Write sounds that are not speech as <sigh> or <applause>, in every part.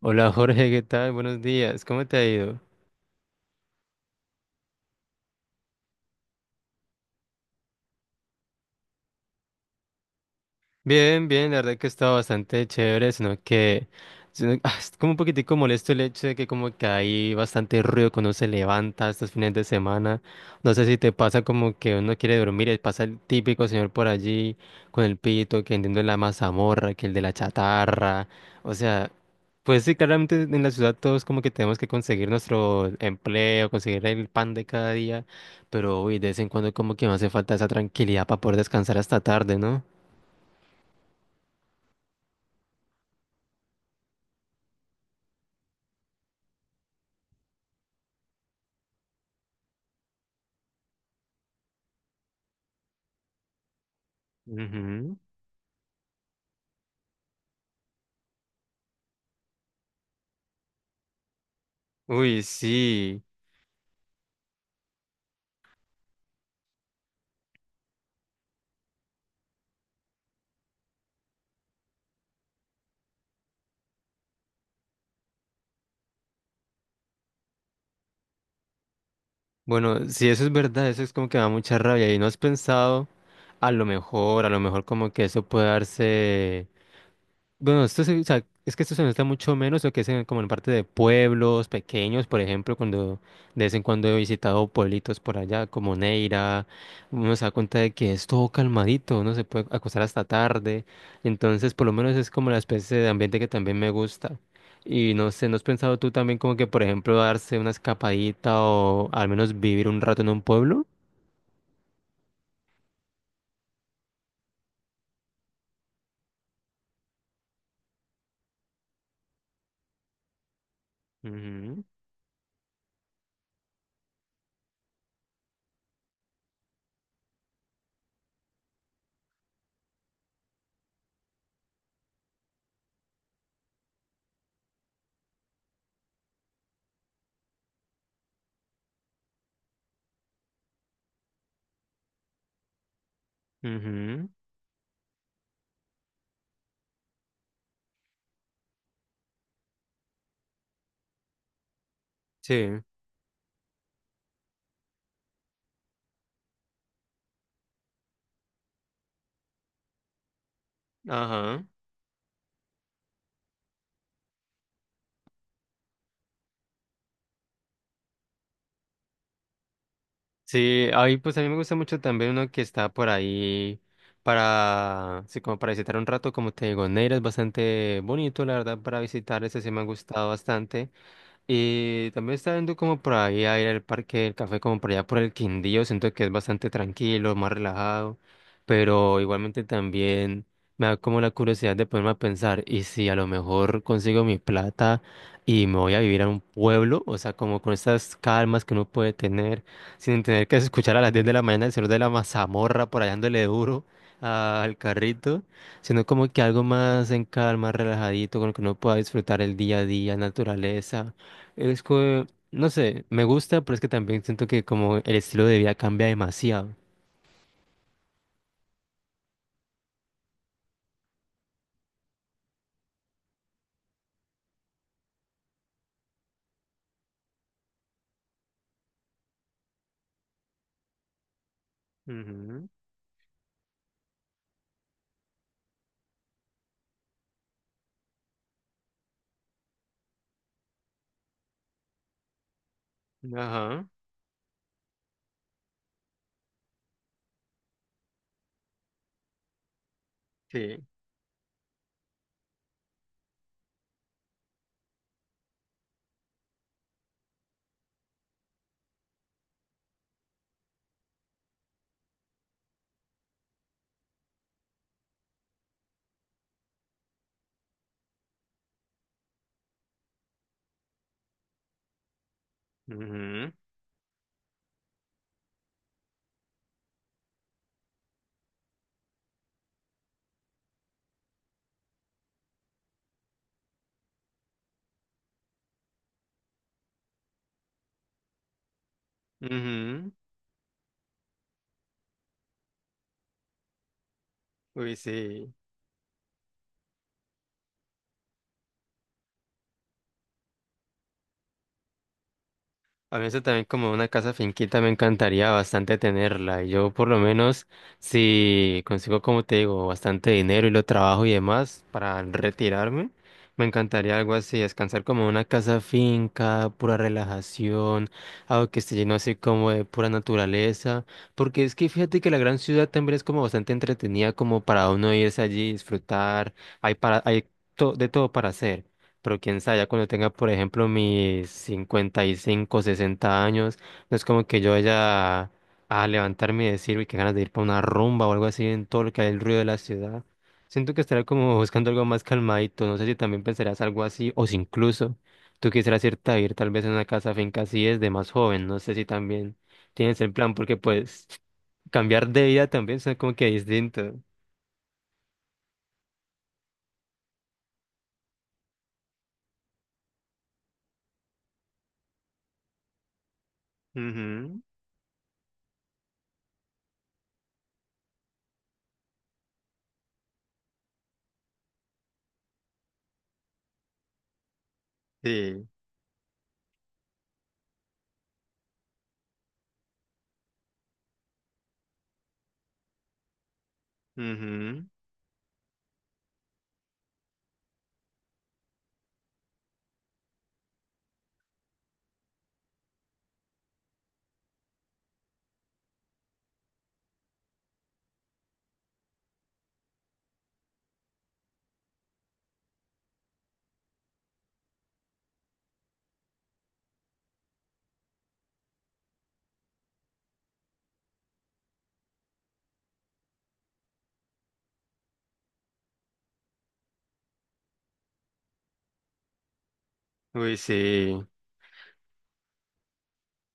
Hola Jorge, ¿qué tal? Buenos días, ¿cómo te ha ido? Bien, bien, la verdad que está bastante chévere, sino que es como un poquitico molesto el hecho de que como que hay bastante ruido cuando uno se levanta estos fines de semana. No sé si te pasa como que uno quiere dormir y pasa el típico señor por allí con el pito, que entiendo la mazamorra, que el de la chatarra. O sea, pues sí, claramente en la ciudad todos como que tenemos que conseguir nuestro empleo, conseguir el pan de cada día, pero uy, de vez en cuando como que me hace falta esa tranquilidad para poder descansar hasta tarde, ¿no? Ujú. Uy, sí. Bueno, si eso es verdad, eso es como que me da mucha rabia. ¿Y no has pensado, a lo mejor como que eso puede darse...? Bueno, o sea, es que esto se nota mucho menos lo que es como en parte de pueblos pequeños, por ejemplo, cuando de vez en cuando he visitado pueblitos por allá, como Neira, uno se da cuenta de que es todo calmadito, uno se puede acostar hasta tarde, entonces por lo menos es como la especie de ambiente que también me gusta. Y no sé, ¿no has pensado tú también como que, por ejemplo, darse una escapadita o al menos vivir un rato en un pueblo? Ujú, ujú, sí. Ajá. Sí, ahí pues a mí me gusta mucho también uno que está por ahí para, sí, como para visitar un rato, como te digo, Neira es bastante bonito, la verdad, para visitar, ese sí me ha gustado bastante. Y también está viendo como por ahí a ir al parque del café, como por allá por el Quindío, siento que es bastante tranquilo, más relajado, pero igualmente también me da como la curiosidad de ponerme a pensar, y si a lo mejor consigo mi plata y me voy a vivir a un pueblo, o sea, como con estas calmas que uno puede tener, sin tener que escuchar a las 10 de la mañana el señor de la mazamorra por allá dándole duro al carrito sino como que algo más en calma, relajadito, con lo que uno pueda disfrutar el día a día, naturaleza. Es que, no sé, me gusta, pero es que también siento que como el estilo de vida cambia demasiado. Ujú, ajá, sí. Ujú, ujú. Uy, sí. A mí eso también como una casa finquita me encantaría bastante tenerla. Y yo por lo menos si consigo, como te digo, bastante dinero y lo trabajo y demás para retirarme, me encantaría algo así, descansar como en una casa finca, pura relajación, algo que esté lleno así como de pura naturaleza. Porque es que fíjate que la gran ciudad también es como bastante entretenida como para uno irse allí, disfrutar, hay para, hay de todo para hacer. Pero quién sabe, ya cuando tenga, por ejemplo, mis 55, 60 años, no es como que yo vaya a levantarme y decir, uy, qué ganas de ir para una rumba o algo así en todo lo que hay el ruido de la ciudad. Siento que estaré como <laughs> buscando algo más calmadito. No sé si también pensarás algo así o si incluso tú quisieras irte a ir tal vez en una casa finca así desde más joven. No sé si también tienes el plan porque pues cambiar de vida también es como que distinto. Ujú, sí. Ujú. Uy, sí.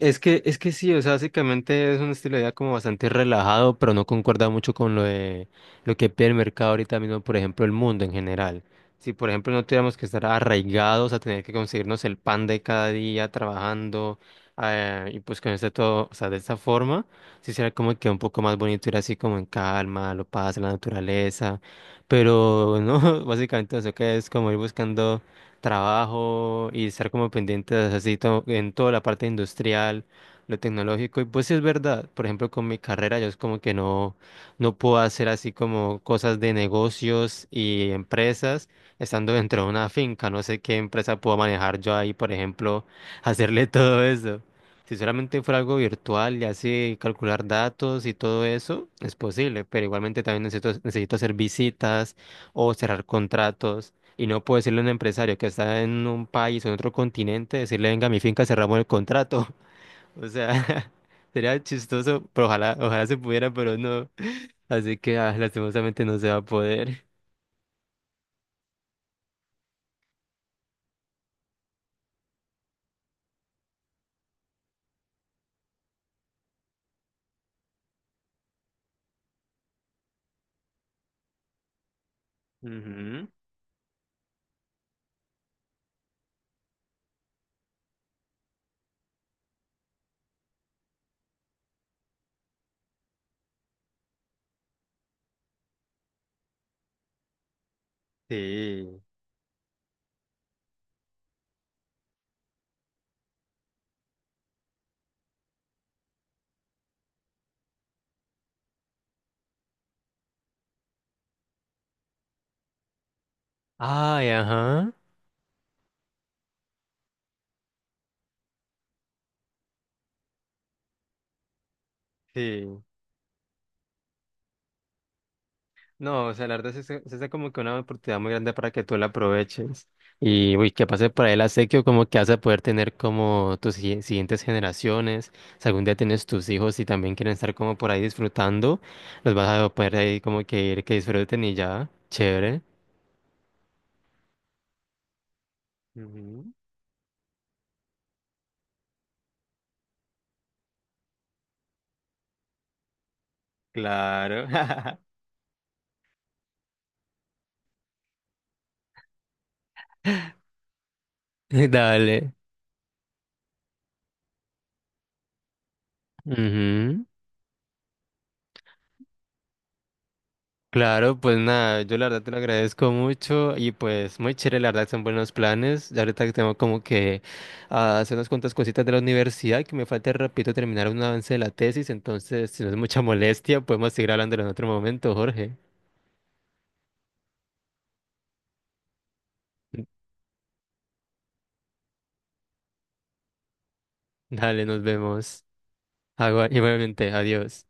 Es que sí, o sea, básicamente es un estilo de vida como bastante relajado, pero no concuerda mucho con lo de lo que pide el mercado ahorita mismo, por ejemplo, el mundo en general. Si, por ejemplo, no tuviéramos que estar arraigados a tener que conseguirnos el pan de cada día trabajando, y pues con este todo, o sea, de esta forma, sí sería como que un poco más bonito ir así como en calma, lo paz, la naturaleza, pero no, <laughs> básicamente eso que es como ir buscando trabajo y estar como pendientes así en toda la parte industrial, lo tecnológico. Y pues sí es verdad, por ejemplo, con mi carrera yo es como que no, no puedo hacer así como cosas de negocios y empresas estando dentro de una finca. No sé qué empresa puedo manejar yo ahí, por ejemplo, <laughs> hacerle todo eso. Si solamente fuera algo virtual y así calcular datos y todo eso, es posible, pero igualmente también necesito hacer visitas o cerrar contratos. Y no puedo decirle a un empresario que está en un país o en otro continente, decirle, venga, mi finca, cerramos el contrato. <laughs> O sea, <laughs> sería chistoso, pero ojalá, ojalá se pudiera, pero no. Así que lastimosamente no se va a poder. Ujú, sí. Ay, ajá. Sí. No, o sea, la verdad es que es como que una oportunidad muy grande para que tú la aproveches. Y uy, que pase por ahí el acequio, como que vas a poder tener como tus siguientes generaciones. Si algún día tienes tus hijos y también quieren estar como por ahí disfrutando, los vas a poder ahí como que ir que disfruten y ya. Chévere. Ujú. Claro. <laughs> <laughs> Dale. Ujú. Claro, pues nada, yo la verdad te lo agradezco mucho y pues muy chévere, la verdad son buenos planes. Ya ahorita que tengo como que hacer unas cuantas cositas de la universidad que me falta, repito, terminar un avance de la tesis, entonces si no es mucha molestia, podemos seguir hablándolo en otro momento, Jorge. <laughs> Dale, nos vemos. Agua, igualmente, adiós.